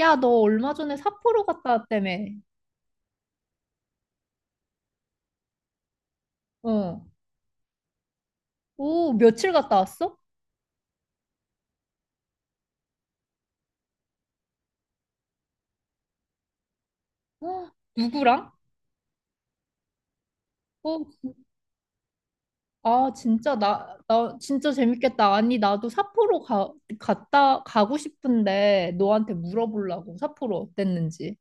야, 너 얼마 전에 삿포로 갔다 왔다며. 어. 오, 며칠 갔다 왔어? 어, 누구랑? 어, 아, 진짜, 나, 진짜 재밌겠다. 아니, 나도 삿포로 가고 싶은데, 너한테 물어보려고, 삿포로 어땠는지.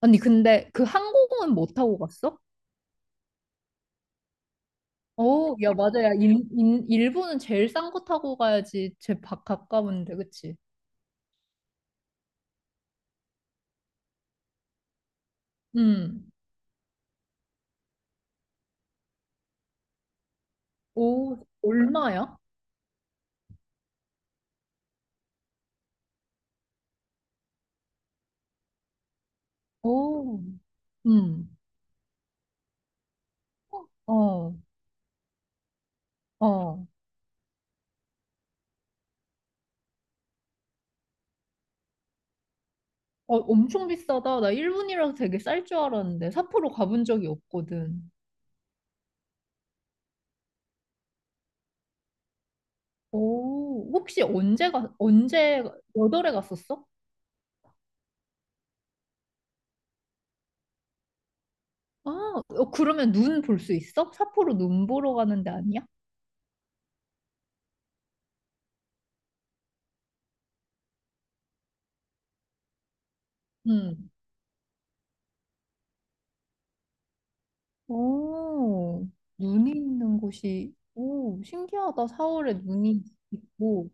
아니, 근데 그 항공은 못 타고 갔어? 어, 야, 맞아. 야, 일본은 제일 싼 거 타고 가야지. 가까운데, 그치? 음. 오, 얼마야? 오, 음. 어, 어. 어, 엄청 비싸다. 나 일본이라서 되게 쌀 줄 알았는데 삿포로 가본 적이 없거든. 오, 혹시 언제 몇 월에 갔었어? 아, 어, 그러면 눈 볼 수 있어? 삿포로 눈 보러 가는 데 아니야? 응. 오, 눈이 있는 곳이, 오, 신기하다. 4월에 눈이 있고.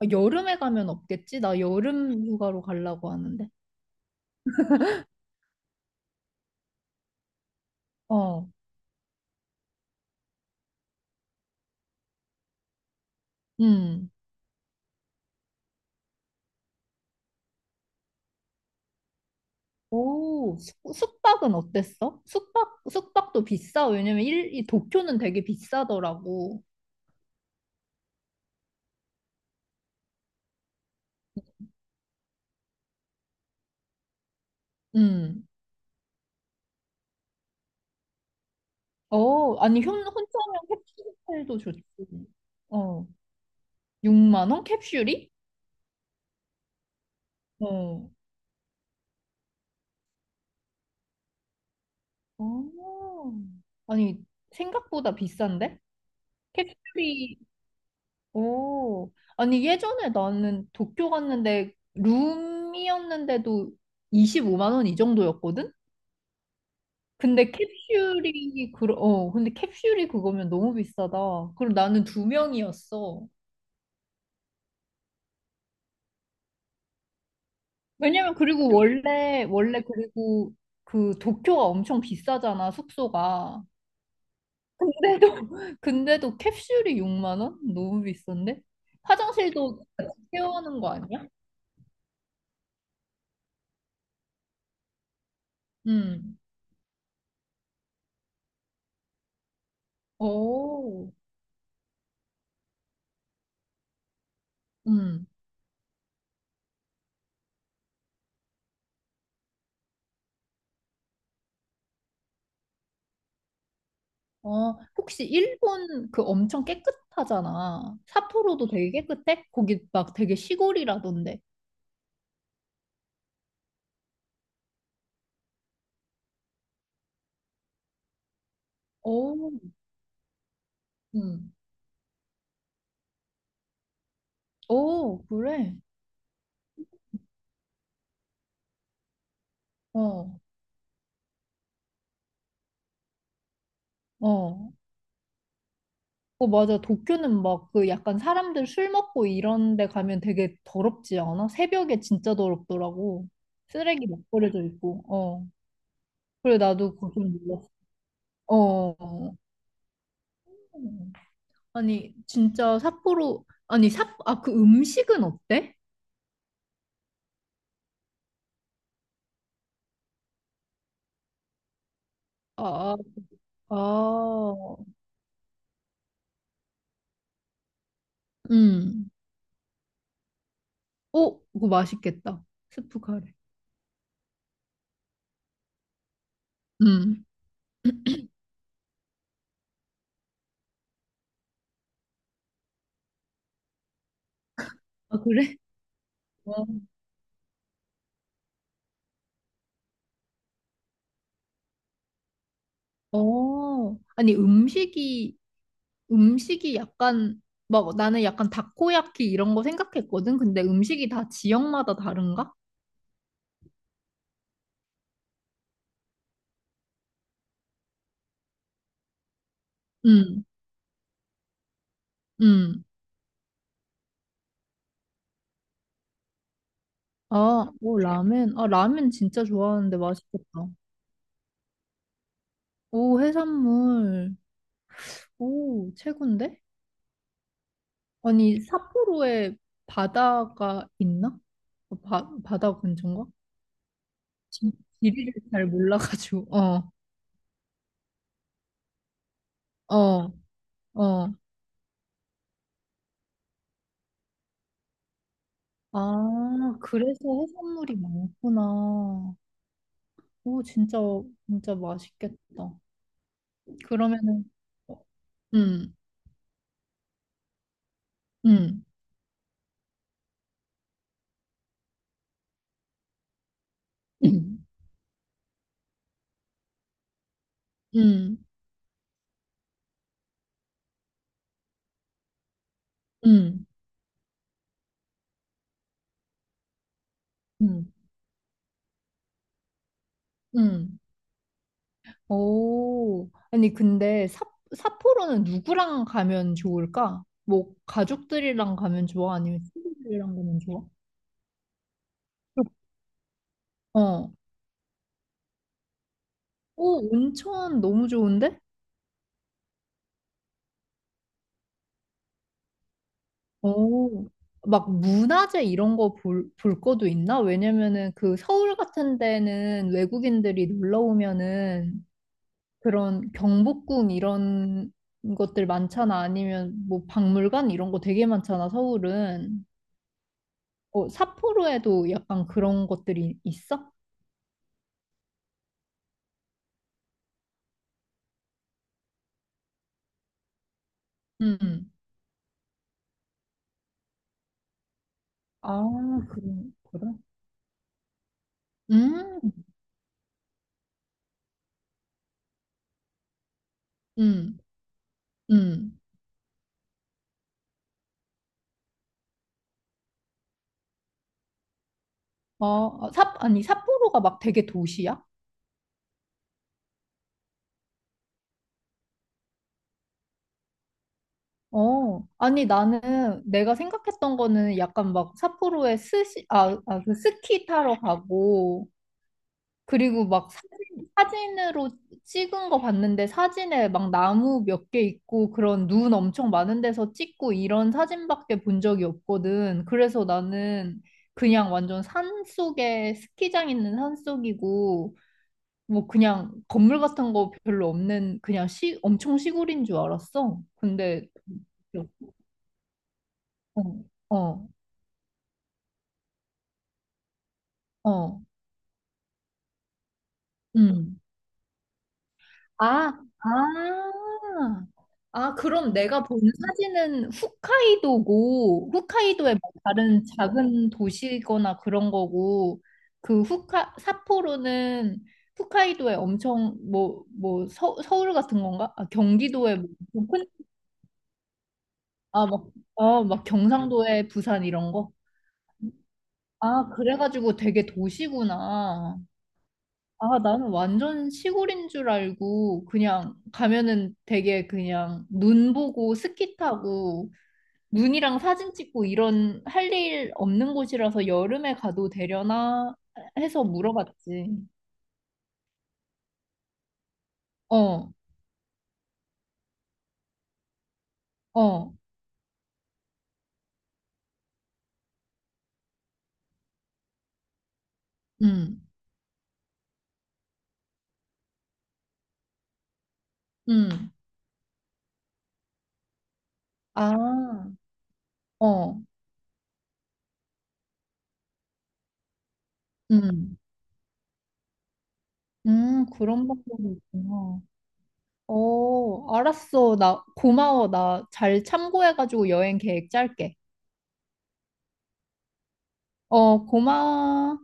아, 여름에 가면 없겠지? 나 여름 휴가로 가려고 하는데. 어, 응. 오, 숙박은 어땠어? 숙박도 비싸. 왜냐면 이 도쿄는 되게 비싸더라고. 음. 어, 아니, 혼자 하면 캡슐 호텔도 좋지. 어, 6만 원 캡슐이? 어. 어. 아니, 생각보다 비싼데? 캡슐이, 오. 아니, 예전에 나는 도쿄 갔는데 룸이었는데도 25만 원 이 정도였거든? 근데 캡슐이 그 어, 근데 캡슐이 그거면 너무 비싸다. 그럼 나는 두 명이었어. 왜냐면 그리고 원래 그리고 그 도쿄가 엄청 비싸잖아, 숙소가. 근데도 근데도 캡슐이 6만 원? 너무 비싼데? 화장실도 같이 세워는거 아니야? 음. 오. 음. 어, 혹시 일본 그 엄청 깨끗하잖아. 삿포로도 되게 깨끗해? 거기 막 되게 시골이라던데. 오. 음. 오, 그래? 어, 어. 어, 맞아. 도쿄는 막 그 약간 사람들 술 먹고 이런 데 가면 되게 더럽지 않아? 새벽에 진짜 더럽더라고. 쓰레기 막 버려져 있고. 어. 그래, 나도 그거 좀 놀랐어. 어. 어. 아니, 진짜 삿포로, 아니, 아, 그 음식은 어때? 아, 아, 아. 음. 어, 그거 맛있겠다. 스프 카레. 음. 아, 그래? 어, 어. 아니, 음식이 약간 막 나는 약간 다코야키 이런 거 생각했거든. 근데 음식이 다 지역마다 다른가? 응, 응. 아, 오, 라멘. 아, 라멘 진짜 좋아하는데 맛있겠다. 오, 해산물. 오, 최고인데? 아니, 삿포로에 바다가 있나? 어, 바다 근처인가? 지- 지리를 잘 몰라가지고. 어, 어, 어. 아, 그래서 해산물이 많구나. 오, 진짜, 진짜 맛있겠다. 그러면은, 어, 음, 음, 음, 음, 음, 음, 음. 오, 아니, 근데 삿 삿포로는 누구랑 가면 좋을까? 뭐, 가족들이랑 가면 좋아? 아니면 친구들이랑 가면 좋아? 어, 오, 온천 너무 좋은데? 오, 막 문화재 이런 거 볼 것도 있나? 왜냐면은 그 서울 같은 데는 외국인들이 놀러 오면은 그런 경복궁 이런 것들 많잖아. 아니면 뭐 박물관 이런 거 되게 많잖아, 서울은. 어, 삿포로에도 약간 그런 것들이 있어? 응. 응. 아, 그런, 그런? 음, 음, 음. 어, 어, 아니, 삿포로가 막 되게 도시야? 어, 아니, 나는 내가 생각했던 거는 약간 막 삿포로에 아, 아, 그 스키 타러 가고, 그리고 막 사진으로 찍은 거 봤는데 사진에 막 나무 몇 개 있고 그런 눈 엄청 많은 데서 찍고 이런 사진밖에 본 적이 없거든. 그래서 나는 그냥 완전 산 속에 스키장 있는 산 속이고 뭐 그냥 건물 같은 거 별로 없는 그냥 엄청 시골인 줄 알았어. 근데 어, 어, 어, 음. 아, 아, 아, 그럼 내가 본 사진은 홋카이도고, 홋카이도의 뭐 다른 작은 도시거나 그런 거고, 그 삿포로는 홋카이도의 엄청, 뭐, 뭐, 서울 같은 건가? 아, 경기도의 뭐, 엄청 큰, 아, 막, 아, 막 경상도의 부산 이런 거? 아, 그래가지고 되게 도시구나. 아, 나는 완전 시골인 줄 알고 그냥 가면은 되게 그냥 눈 보고 스키 타고 눈이랑 사진 찍고 이런 할 일 없는 곳이라서 여름에 가도 되려나 해서 물어봤지. 어, 어, 음, 음, 아, 어, 음, 그런 방법이 있구나. 어, 알았어. 나 고마워. 나 잘 참고해가지고 여행 계획 짤게. 어, 고마워.